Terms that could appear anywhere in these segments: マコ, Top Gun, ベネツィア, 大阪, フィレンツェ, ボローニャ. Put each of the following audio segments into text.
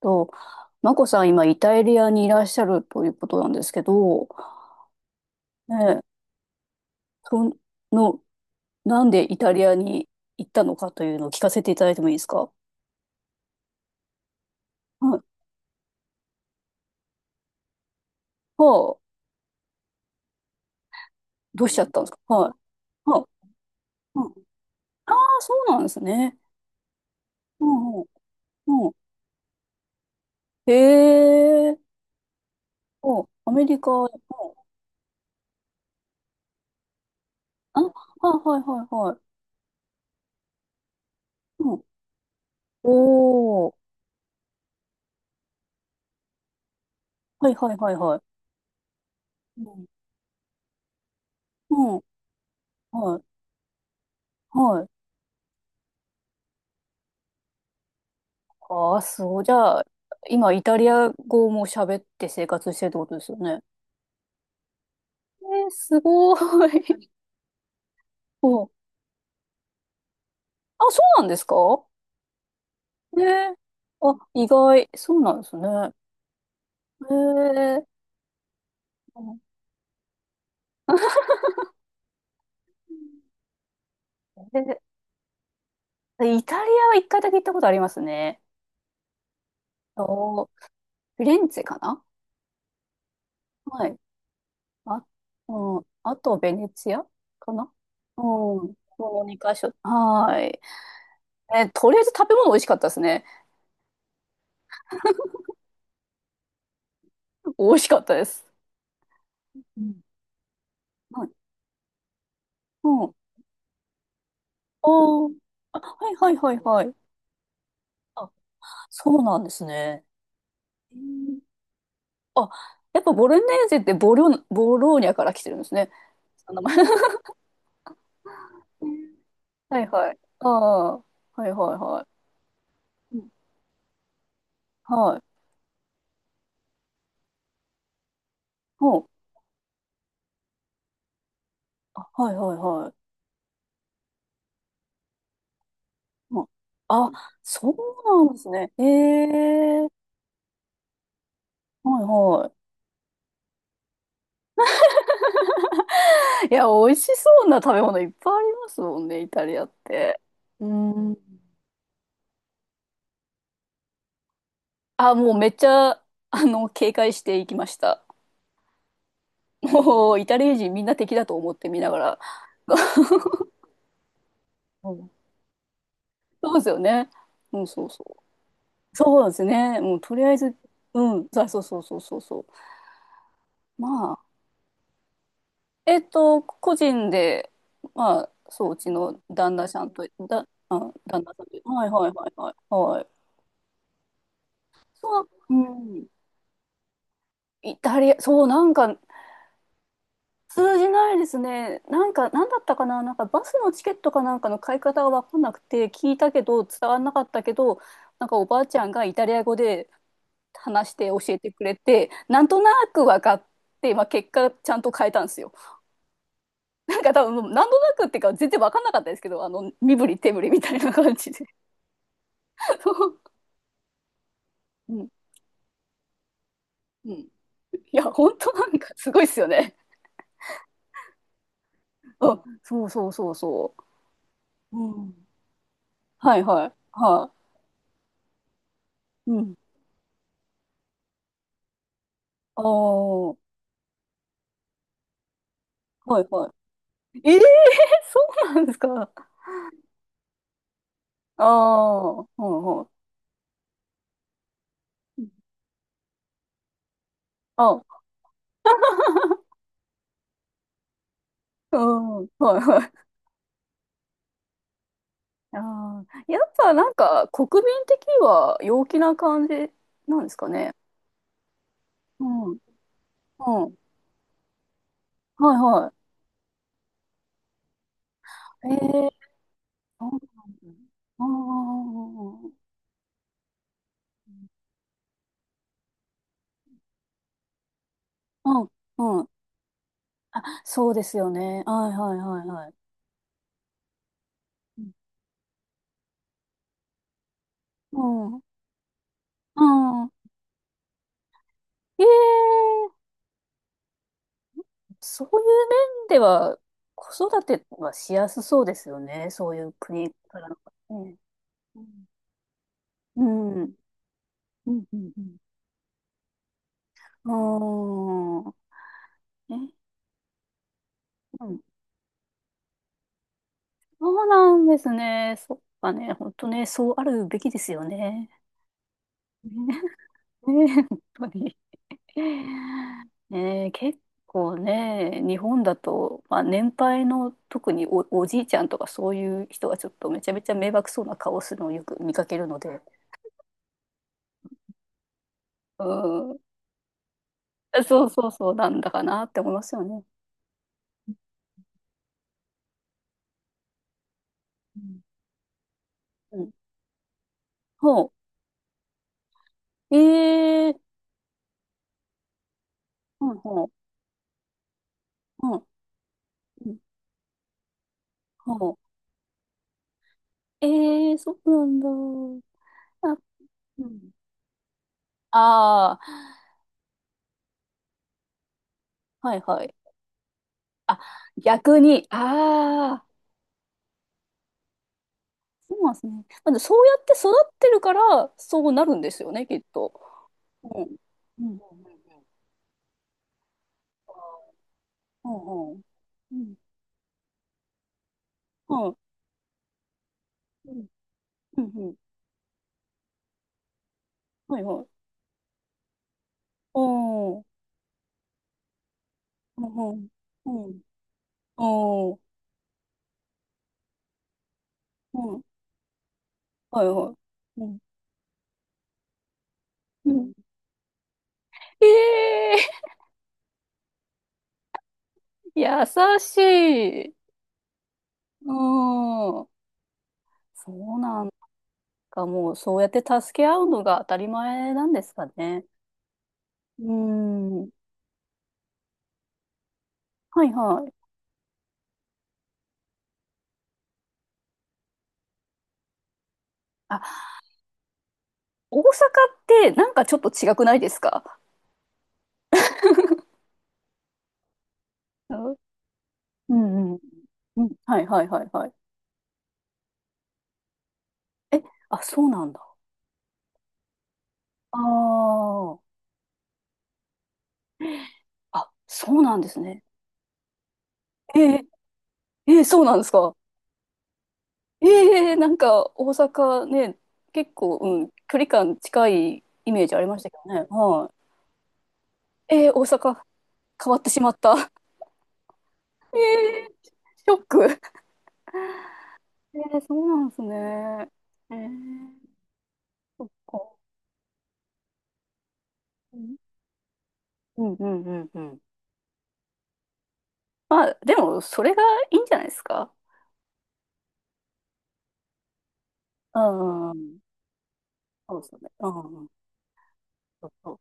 と、マコさん、今、イタリアにいらっしゃるということなんですけど、ねえ、その、なんでイタリアに行ったのかというのを聞かせていただいてもいいですか？はい。はあ、どうしちゃったんですか？はい。はあ、うん、ああ、そうなんですね。うん、うん、うん。へえ、うん、アメリカ、うん、あ、はい、はい、はい、はい。うん、おー、はい、はい、はい、はい。うん、うん、はい、はい。ああ、そう。じゃあ、今、イタリア語も喋って生活してるってことですよね。えー、すごーい。お、あ、そうなんですか？ねえ。あ、意外。そうなんですね。へえ。うん。え、イタリアは一回だけ行ったことありますね。お、フィレンツェかな。はい。あ、うん。あと、ベネツィアかな。うん。この2箇所。はーい。え、とりあえず食べ物美味しかったですね。美味しかったです。うん。はい。ああ、はいはいはいはい。あ、そうなんですね。うん。あ、やっぱボロネーゼってボローニャから来てるんですね。その名前。うん。 はいはい。ああ、はいはいはい。うん。はい。うん。あ、はいはいはい。うん。あ、そうなんですね。ええ、はいはい。いや、美味しそうな食べ物いっぱいありますもんね、イタリアって。うん。あ、もうめっちゃ、警戒していきました。おー、イタリア人みんな敵だと思って見ながら。うん。そうですよね。うん、そうそう。そうなんですね。もうとりあえず、うん、そうそうそうそうそうそう。まあ、個人で、まあ、そう、うちの旦那さんと、旦那さんと、はいはいはいはい、はい。そう、うん、イタリア、そう、なんか、通じないですね。なんか、なんだったかな、なんかバスのチケットかなんかの買い方が分かんなくて、聞いたけど、伝わんなかったけど、なんかおばあちゃんがイタリア語で話して教えてくれて、なんとなく分かって、まあ、結果、ちゃんと変えたんですよ。なんか多分、もうなんとなくっていうか、全然分かんなかったですけど、身振り手振りみたいな感じで。うん、うん。いや、本当なんかすごいですよね。うん、そうそうそうそう。うん。はいはい。はい。うん。ああ、はいはい。ええー、そうなんですか。ああ、はいはい。あ、うん、はいはい。ああ、やっぱなんか国民的には陽気な感じなんですかね。うん、うん、はいはい。ええ、そうなんだ。ああ、うん、うん、そうですよね。はいはいはいはい。うん、うん、うん、ええ、そういう面では、子育てはしやすそうですよね。そういう国からの。ね。うん。うん。うんうんうん、うーん。うん。そうなんですね。そっかね。本当ね、そうあるべきですよね。ね、ね、本当に。ね、結構ね、日本だと、まあ、年配の特におじいちゃんとかそういう人がちょっとめちゃめちゃ迷惑そうな顔をするのをよく見かけるので。うん、そうそうそう、なんだかなって思いますよね。うんうん。ほう。えー、うん、ほう。うん、うん、ほう。えー、そうなんだ。あ、うん。ああ、はいはい。あ、逆に、ああ、そうなんですね。まずそうやって育ってるから、そうなるんですよね、きっと。うん。うん。うん。うん。うん。うん。うん。うん。うん、はいはい。うん。うん。うん。うん。うん。うん。うん、はいはい、うん。うん。ええー、優しい。うん。そう、なんか、もう、そうやって助け合うのが当たり前なんですかね。うん。はいはい。あ、大阪ってなんかちょっと違くないですか？うん。 うんうん。うん、はいはいはいはい。え、あ、そうなんだ。ああ。あ、そうなんですね。えー、えー、そうなんですか？ええ、なんか大阪ね、結構、うん、距離感近いイメージありましたけどね。はい。ええ、大阪変わってしまった。ええ、ショック。ええ、そうなんですね。ええ、そっか。うんうんうんうんうん。まあ、でも、それがいいんじゃないですか。うん。うん、そうですよね。うん。うん、そうそう。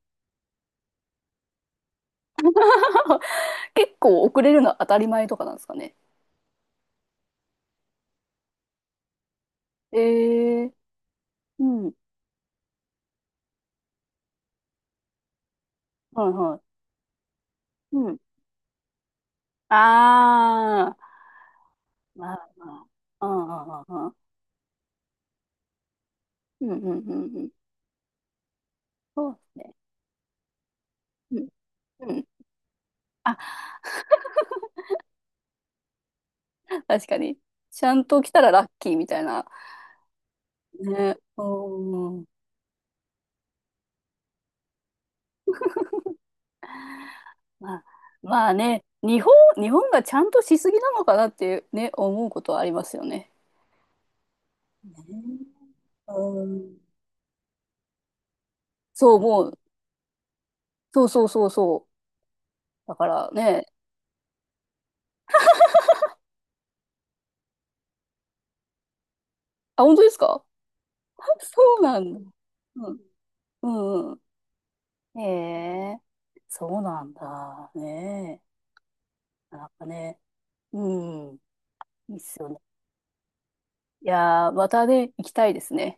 結構遅れるのは当たり前とかなんですかね。ええ、うん。はいはい。うん。ああ。まあまあ。うんうんうんうん。うんうんうん、そうですね。うんうん。あ、確かに。ちゃんと来たらラッキーみたいな。ね。うん。まあ、まあね、日本がちゃんとしすぎなのかなってね、思うことはありますよね。うん。そうもう。そうそうそうそう。だからね。あ、本当ですか？ そうなんだ。うん。うんうん。へえ。そうなんだ。ねえ。なんかね。うん。いいっすよね。いやー、またね、行きたいですね。